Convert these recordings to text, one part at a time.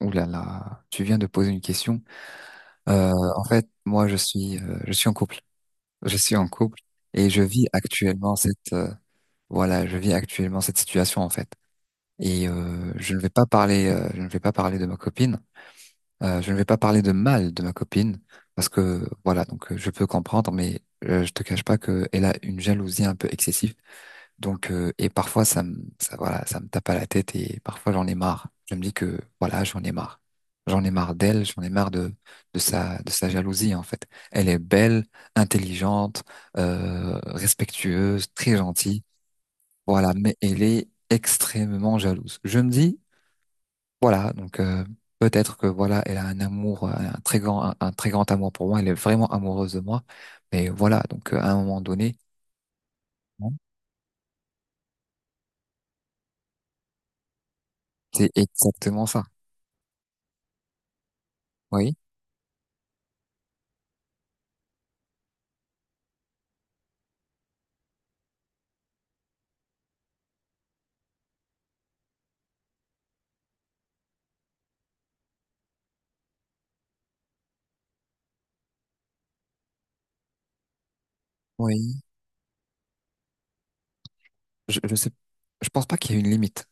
Ouh là là, tu viens de poser une question. Euh, moi, je suis en couple. Je suis en couple et je vis actuellement je vis actuellement cette situation en fait. Je ne vais pas je ne vais pas parler de ma copine. Je ne vais pas parler de mal de ma copine parce que voilà, je peux comprendre, je te cache pas que elle a une jalousie un peu excessive et parfois, ça me tape à la tête et parfois j'en ai marre. Je me dis que, voilà, j'en ai marre. J'en ai marre d'elle, j'en ai marre de sa jalousie, en fait. Elle est belle, intelligente, respectueuse, très gentille. Voilà, mais elle est extrêmement jalouse. Je me dis, voilà, donc, euh, peut-être que, voilà, elle a un amour, un très grand amour pour moi. Elle est vraiment amoureuse de moi. Mais voilà, à un moment donné, c'est exactement ça. Oui. Oui. Je sais, je pense pas qu'il y ait une limite.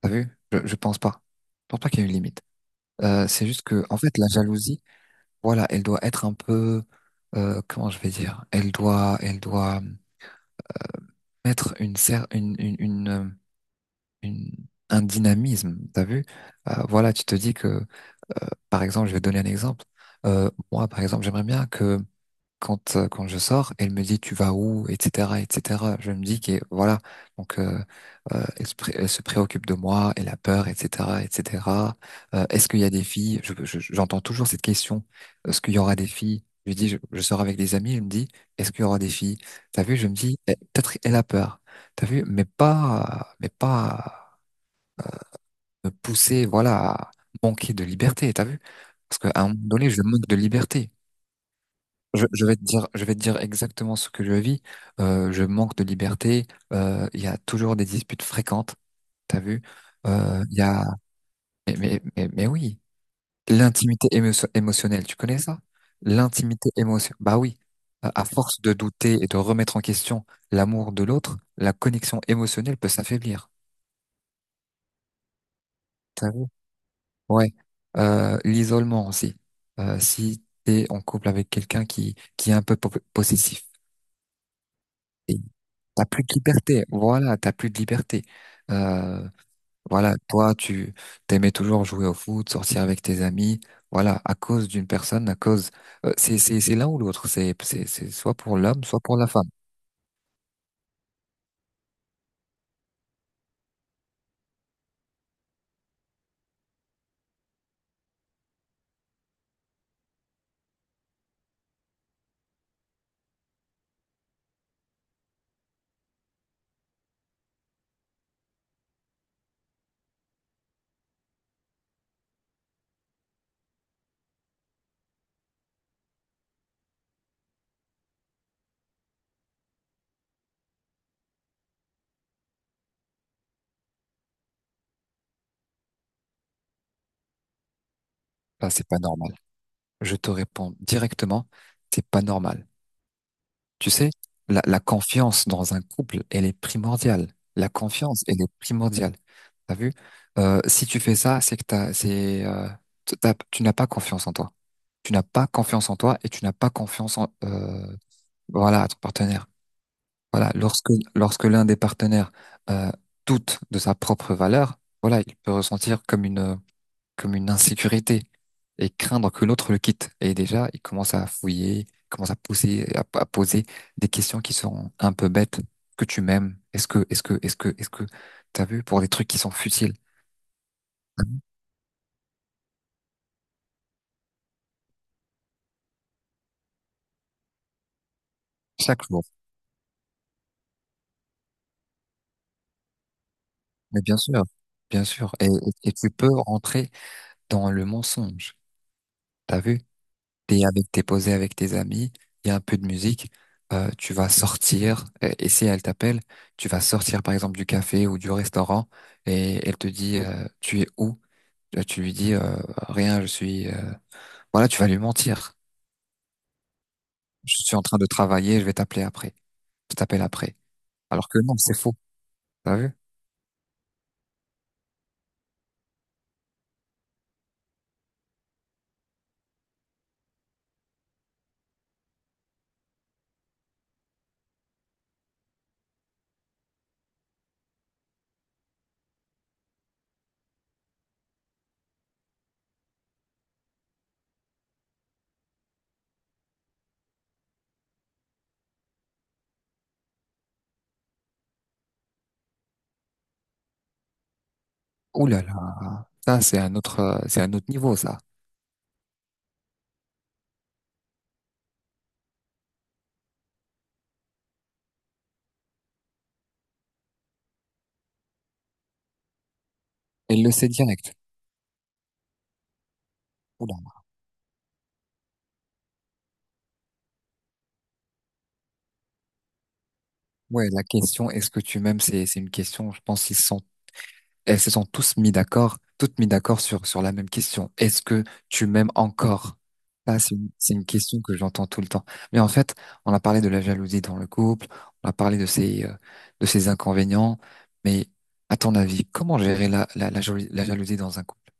T'as vu? Je pense pas. Je pense pas qu'il y ait une limite. C'est juste que, en fait, la jalousie, voilà, elle doit être un peu, comment je vais dire? Elle doit mettre une, cer- une- un dynamisme. T'as vu? Voilà, tu te dis que, par exemple, je vais donner un exemple. Moi, par exemple, j'aimerais bien que quand je sors, elle me dit tu vas où, etc., etc. Je me dis que voilà, donc euh, elle se préoccupe de moi, elle a peur, etc., etc. Est-ce qu'il y a des filles? J'entends toujours cette question. Est-ce qu'il y aura des filles? Je lui dis je sors avec des amis, elle me dit est-ce qu'il y aura des filles? T'as vu? Je me dis eh, peut-être elle a peur. T'as vu? Mais pas me pousser voilà à manquer de liberté. T'as vu? Parce qu'à un moment donné je manque de liberté. Je vais te dire, je vais te dire exactement ce que je vis. Je manque de liberté. Il y a toujours des disputes fréquentes. T'as vu? Il y a, mais oui, émotionnelle. Tu connais ça? L'intimité émotionnelle. Bah oui. À force de douter et de remettre en question l'amour de l'autre, la connexion émotionnelle peut s'affaiblir. T'as vu? Ouais. L'isolement aussi. Si t'es en couple avec quelqu'un qui est un peu possessif. T'as plus de liberté, voilà, t'as plus de liberté. Euh, voilà, toi, tu t'aimais toujours jouer au foot, sortir avec tes amis, voilà, à cause d'une personne, c'est l'un ou l'autre, c'est soit pour l'homme, soit pour la femme. Bah, c'est pas normal. Je te réponds directement, c'est pas normal. Tu sais, la confiance dans un couple, elle est primordiale. La confiance, elle est primordiale. T'as vu? Si tu fais ça, c'est que t'as, c'est, t- t'as- tu n'as pas confiance en toi. Tu n'as pas confiance en toi et tu n'as pas confiance à ton partenaire. Voilà, lorsque l'un des partenaires euh, doute de sa propre valeur, voilà, il peut ressentir comme une insécurité et craindre que l'autre le quitte. Et déjà, il commence à fouiller, il commence à pousser, à poser des questions qui sont un peu bêtes. Que tu m'aimes? Est-ce que, t'as vu pour des trucs qui sont futiles. Mhm. Chaque jour. Mais bien sûr, bien sûr. Et tu peux rentrer dans le mensonge. T'as vu? T'es posé avec tes amis, il y a un peu de musique, tu vas sortir, et si elle t'appelle, tu vas sortir par exemple du café ou du restaurant, et elle te dit, tu es où? Tu lui dis, rien, voilà, tu vas lui mentir. Je suis en train de travailler, je vais t'appeler après. Je t'appelle après. Alors que non, c'est faux, t'as vu? Ouh là là, ça c'est un c'est un autre niveau ça. Elle le sait direct. Ouh là là. Ouais, la question, est-ce que tu m'aimes, c'est une question, je pense, ils se sentent elles se sont tous mis d'accord, toutes mis d'accord sur la même question. Est-ce que tu m'aimes encore? Ça, c'est une question que j'entends tout le temps. Mais en fait, on a parlé de la jalousie dans le couple, on a parlé de de ses inconvénients, mais à ton avis, comment gérer la jalousie dans un couple?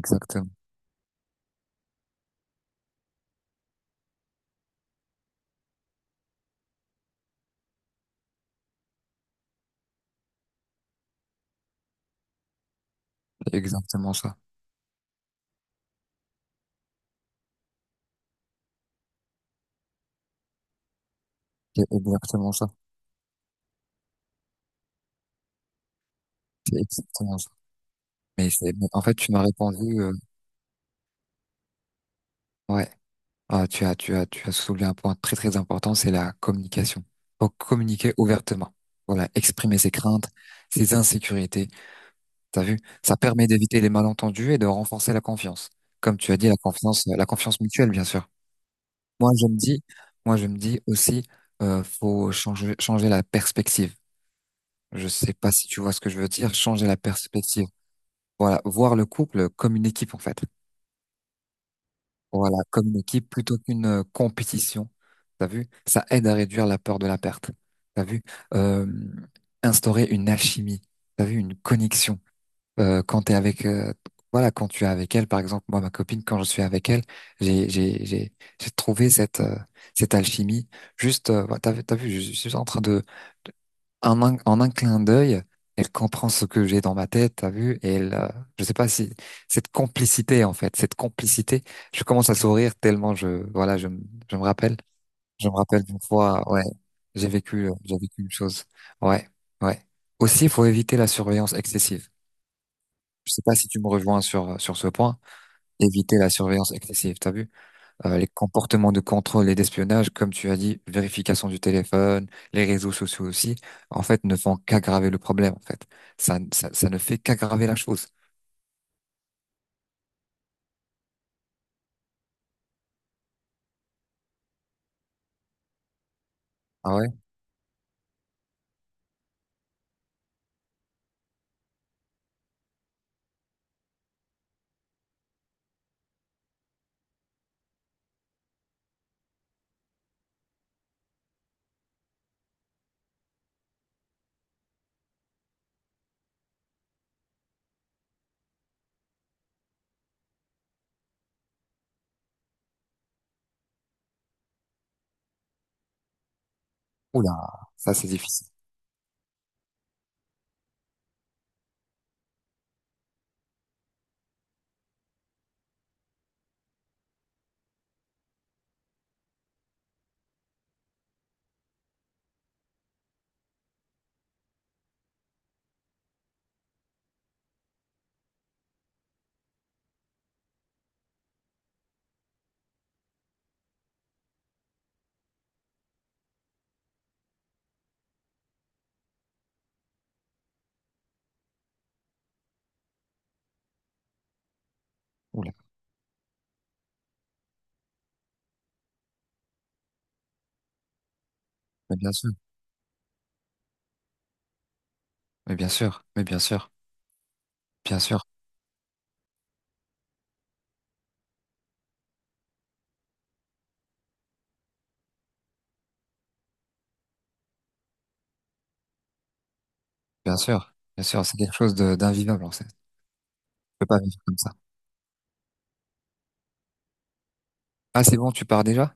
Exactement. C'est exactement ça. C'est exactement ça. C'est exactement ça. Mais en fait, tu m'as répondu, ouais. Ah, tu as soulevé un point très très important, c'est la communication. Donc communiquer ouvertement. Voilà, exprimer ses craintes, ses insécurités. T'as vu? Ça permet d'éviter les malentendus et de renforcer la confiance. Comme tu as dit, la confiance mutuelle, bien sûr. Moi, je me dis, moi, je me dis aussi, faut changer la perspective. Je sais pas si tu vois ce que je veux dire, changer la perspective. Voilà, voir le couple comme une équipe, en fait. Voilà, comme une équipe plutôt qu'une compétition. T'as vu? Ça aide à réduire la peur de la perte. T'as vu? Euh, Instaurer une alchimie. T'as vu? Une connexion. Euh, quand t'es avec, euh, voilà, quand tu es avec elle, par exemple, moi, ma copine, quand je suis avec elle, j'ai, j'ai, j'ai, j'ai trouvé cette alchimie. Juste, t'as vu, je suis en train de, en un clin d'œil, elle comprend ce que j'ai dans ma tête, t'as vu? Et je sais pas si cette complicité, je commence à sourire tellement je me rappelle, je me rappelle d'une fois, ouais, j'ai vécu une chose, ouais, ouais. Aussi, il faut éviter la surveillance excessive. Je sais pas si tu me rejoins sur ce point, éviter la surveillance excessive, t'as vu? Les comportements de contrôle et d'espionnage, comme tu as dit, vérification du téléphone, les réseaux sociaux aussi, en fait, ne font qu'aggraver le problème, en fait. Ça ne fait qu'aggraver la chose. Ah ouais? Oula, ça c'est difficile. Oula, mais bien sûr, mais bien sûr, mais bien sûr, bien sûr, bien sûr, bien sûr, c'est quelque chose de d'invivable, en fait. Je peux pas vivre comme ça. Ah, c'est bon, tu pars déjà?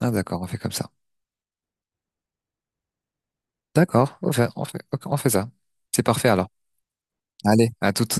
Ah, d'accord, on fait comme ça. D'accord, on fait ça. C'est parfait alors. Allez, à toute.